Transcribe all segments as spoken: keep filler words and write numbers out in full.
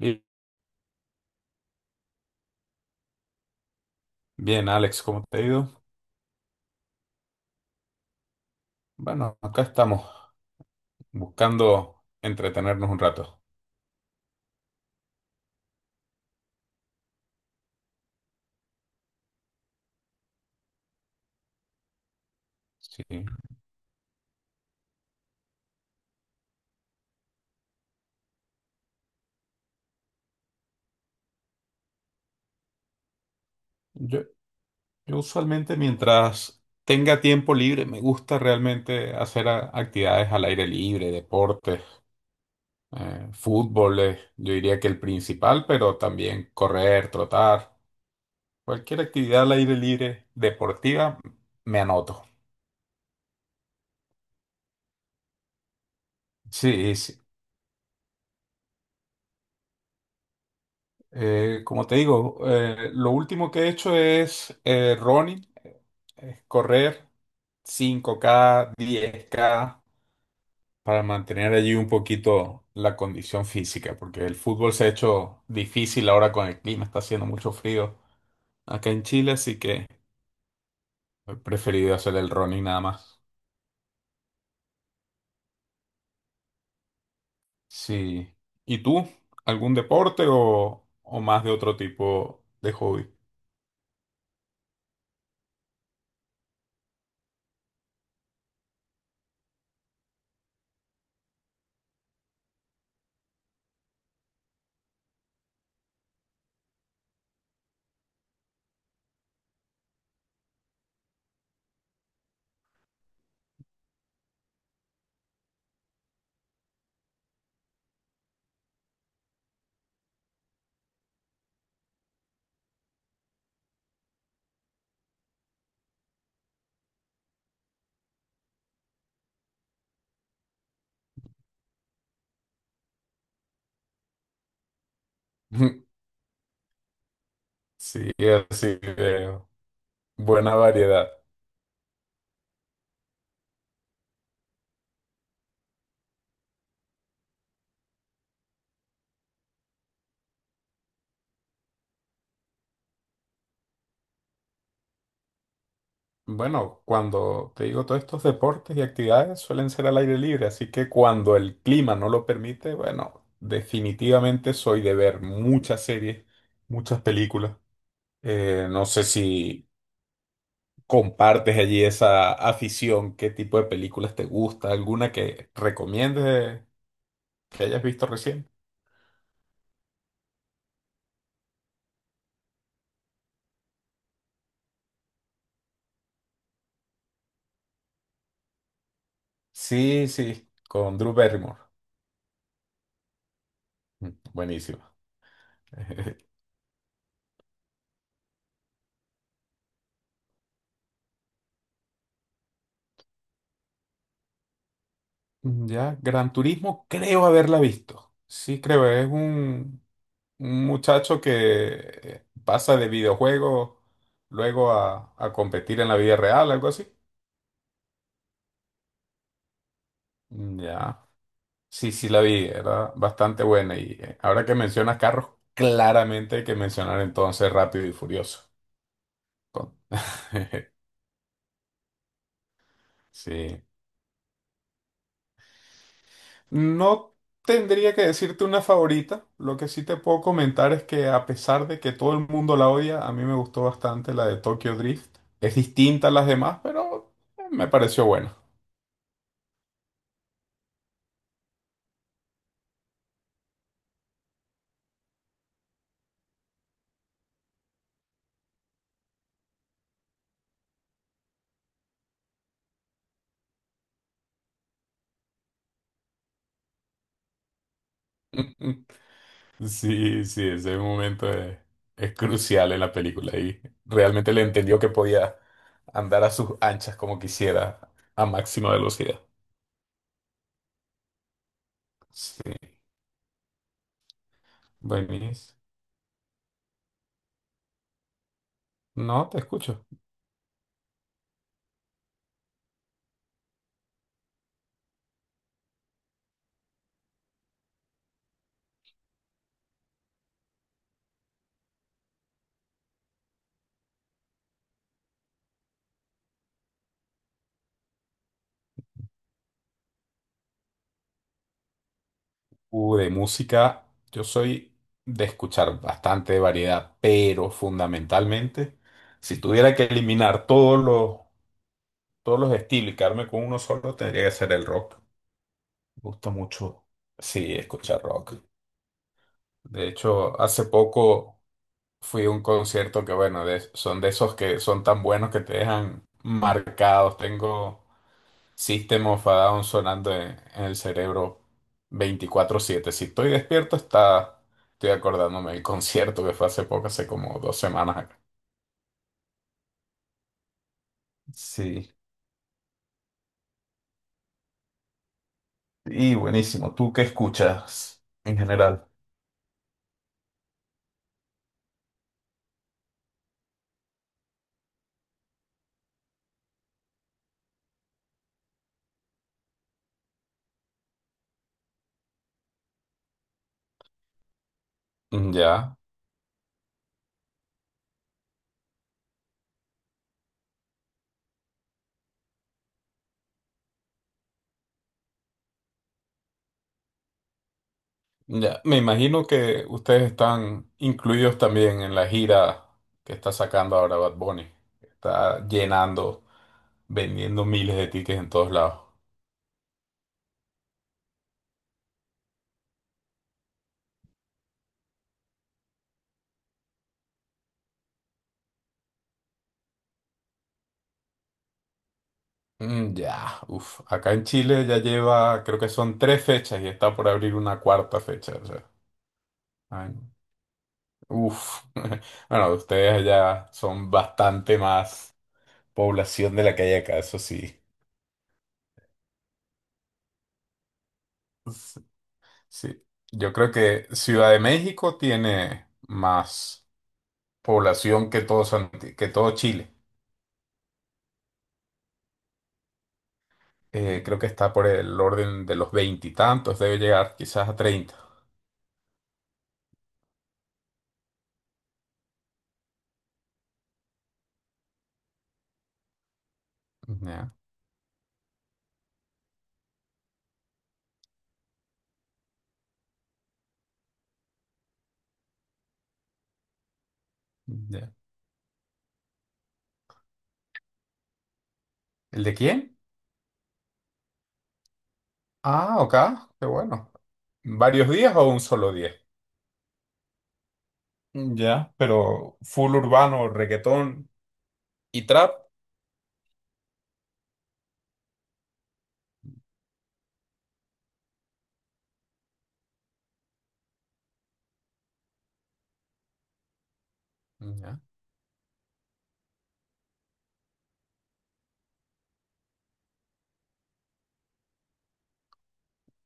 Bi- Bien, Alex, ¿cómo te ha ido? Bueno, acá estamos buscando entretenernos un rato. Sí. Yo, yo usualmente mientras tenga tiempo libre me gusta realmente hacer a- actividades al aire libre, deportes, eh, fútbol, eh, yo diría que el principal, pero también correr, trotar, cualquier actividad al aire libre deportiva me anoto. Sí, sí. Eh, como te digo, eh, lo último que he hecho es eh, running, eh, es correr cinco K, diez K, para mantener allí un poquito la condición física, porque el fútbol se ha hecho difícil ahora con el clima, está haciendo mucho frío acá en Chile, así que he preferido hacer el running nada más. Sí. ¿Y tú? ¿Algún deporte o, o más de otro tipo de hobby? Sí, así que buena variedad. Bueno, cuando te digo todos estos deportes y actividades suelen ser al aire libre, así que cuando el clima no lo permite, bueno, definitivamente soy de ver muchas series, muchas películas. Eh, no sé si compartes allí esa afición, qué tipo de películas te gusta, alguna que recomiendes que hayas visto recién. Sí, sí, con Drew Barrymore. Mm, buenísimo. Ya, Gran Turismo creo haberla visto. Sí, creo, es un... un muchacho que eh, pasa de videojuego luego a, a competir en la vida real, algo así. Mm, ya. Sí, sí la vi, era bastante buena. Y eh, ahora que mencionas carros, claramente hay que mencionar entonces Rápido y Furioso. Con- Sí. No tendría que decirte una favorita. Lo que sí te puedo comentar es que a pesar de que todo el mundo la odia, a mí me gustó bastante la de Tokyo Drift. Es distinta a las demás, pero eh, me pareció buena. Sí, sí, ese momento es, es crucial en la película y realmente le entendió que podía andar a sus anchas como quisiera a máxima velocidad. Sí, buenísimo. No, te escucho. Uh, de música, yo soy de escuchar bastante variedad, pero fundamentalmente, si tuviera que eliminar todos los, todos los estilos y quedarme con uno solo, tendría que ser el rock. Me gusta mucho, sí, escuchar rock. De hecho, hace poco... fui a un concierto que, bueno, de- son de esos que son tan buenos que te dejan marcados. Tengo System of a Down sonando en, en el cerebro veinticuatro siete. Si estoy despierto, está, estoy acordándome del concierto que fue hace poco, hace como dos semanas acá. Sí, y buenísimo. ¿Tú qué escuchas en general? Ya, ya. Me imagino que ustedes están incluidos también en la gira que está sacando ahora Bad Bunny. Está llenando, vendiendo miles de tickets en todos lados. Mm, ya, uff. Acá en Chile ya lleva, creo que son tres fechas y está por abrir una cuarta fecha. O sea, ay, uf. Bueno, ustedes allá son bastante más población de la que hay acá, eso sí. Sí. Yo creo que Ciudad de México tiene más población que todo, Santi- que todo Chile. Eh, creo que está por el orden de los veintitantos, debe llegar quizás a treinta. Ya, ya. ¿El de quién? Ah, ok, qué bueno. ¿Varios días o un solo día? Ya, pero full urbano, reggaetón y trap. Ya,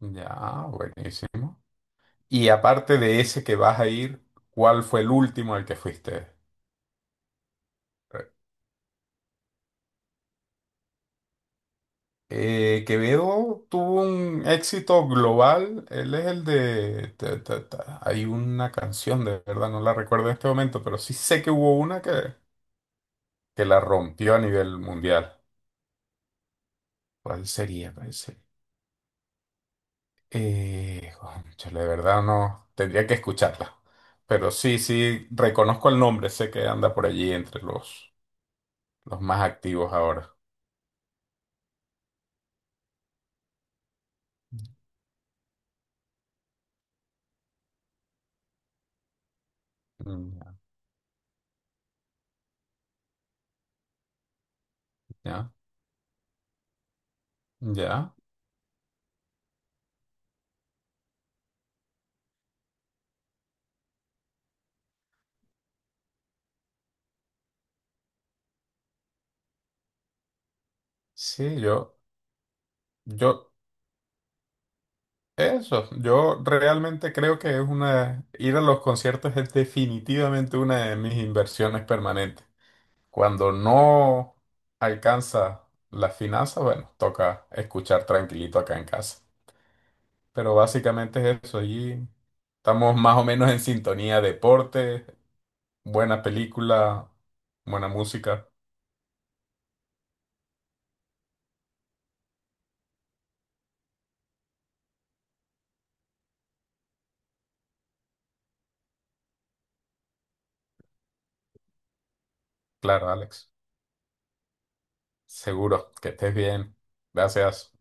ya, buenísimo. Y aparte de ese que vas a ir, ¿cuál fue el último al que fuiste? Eh, Quevedo tuvo un éxito global. Él es el de... ta, ta, ta. Hay una canción, de verdad, no la recuerdo en este momento, pero sí sé que hubo una que, que la rompió a nivel mundial. ¿Cuál sería? Eh, cónchale, de verdad no, tendría que escucharla. Pero sí, sí, reconozco el nombre, sé que anda por allí entre los, los más activos ahora. Mm, ya, ya. Sí, yo, yo, eso, yo realmente creo que es una, ir a los conciertos es definitivamente una de mis inversiones permanentes. Cuando no alcanza las finanzas, bueno, toca escuchar tranquilito acá en casa. Pero básicamente es eso, allí estamos más o menos en sintonía, deporte, buena película, buena música. Claro, Alex, seguro que estés bien. Gracias.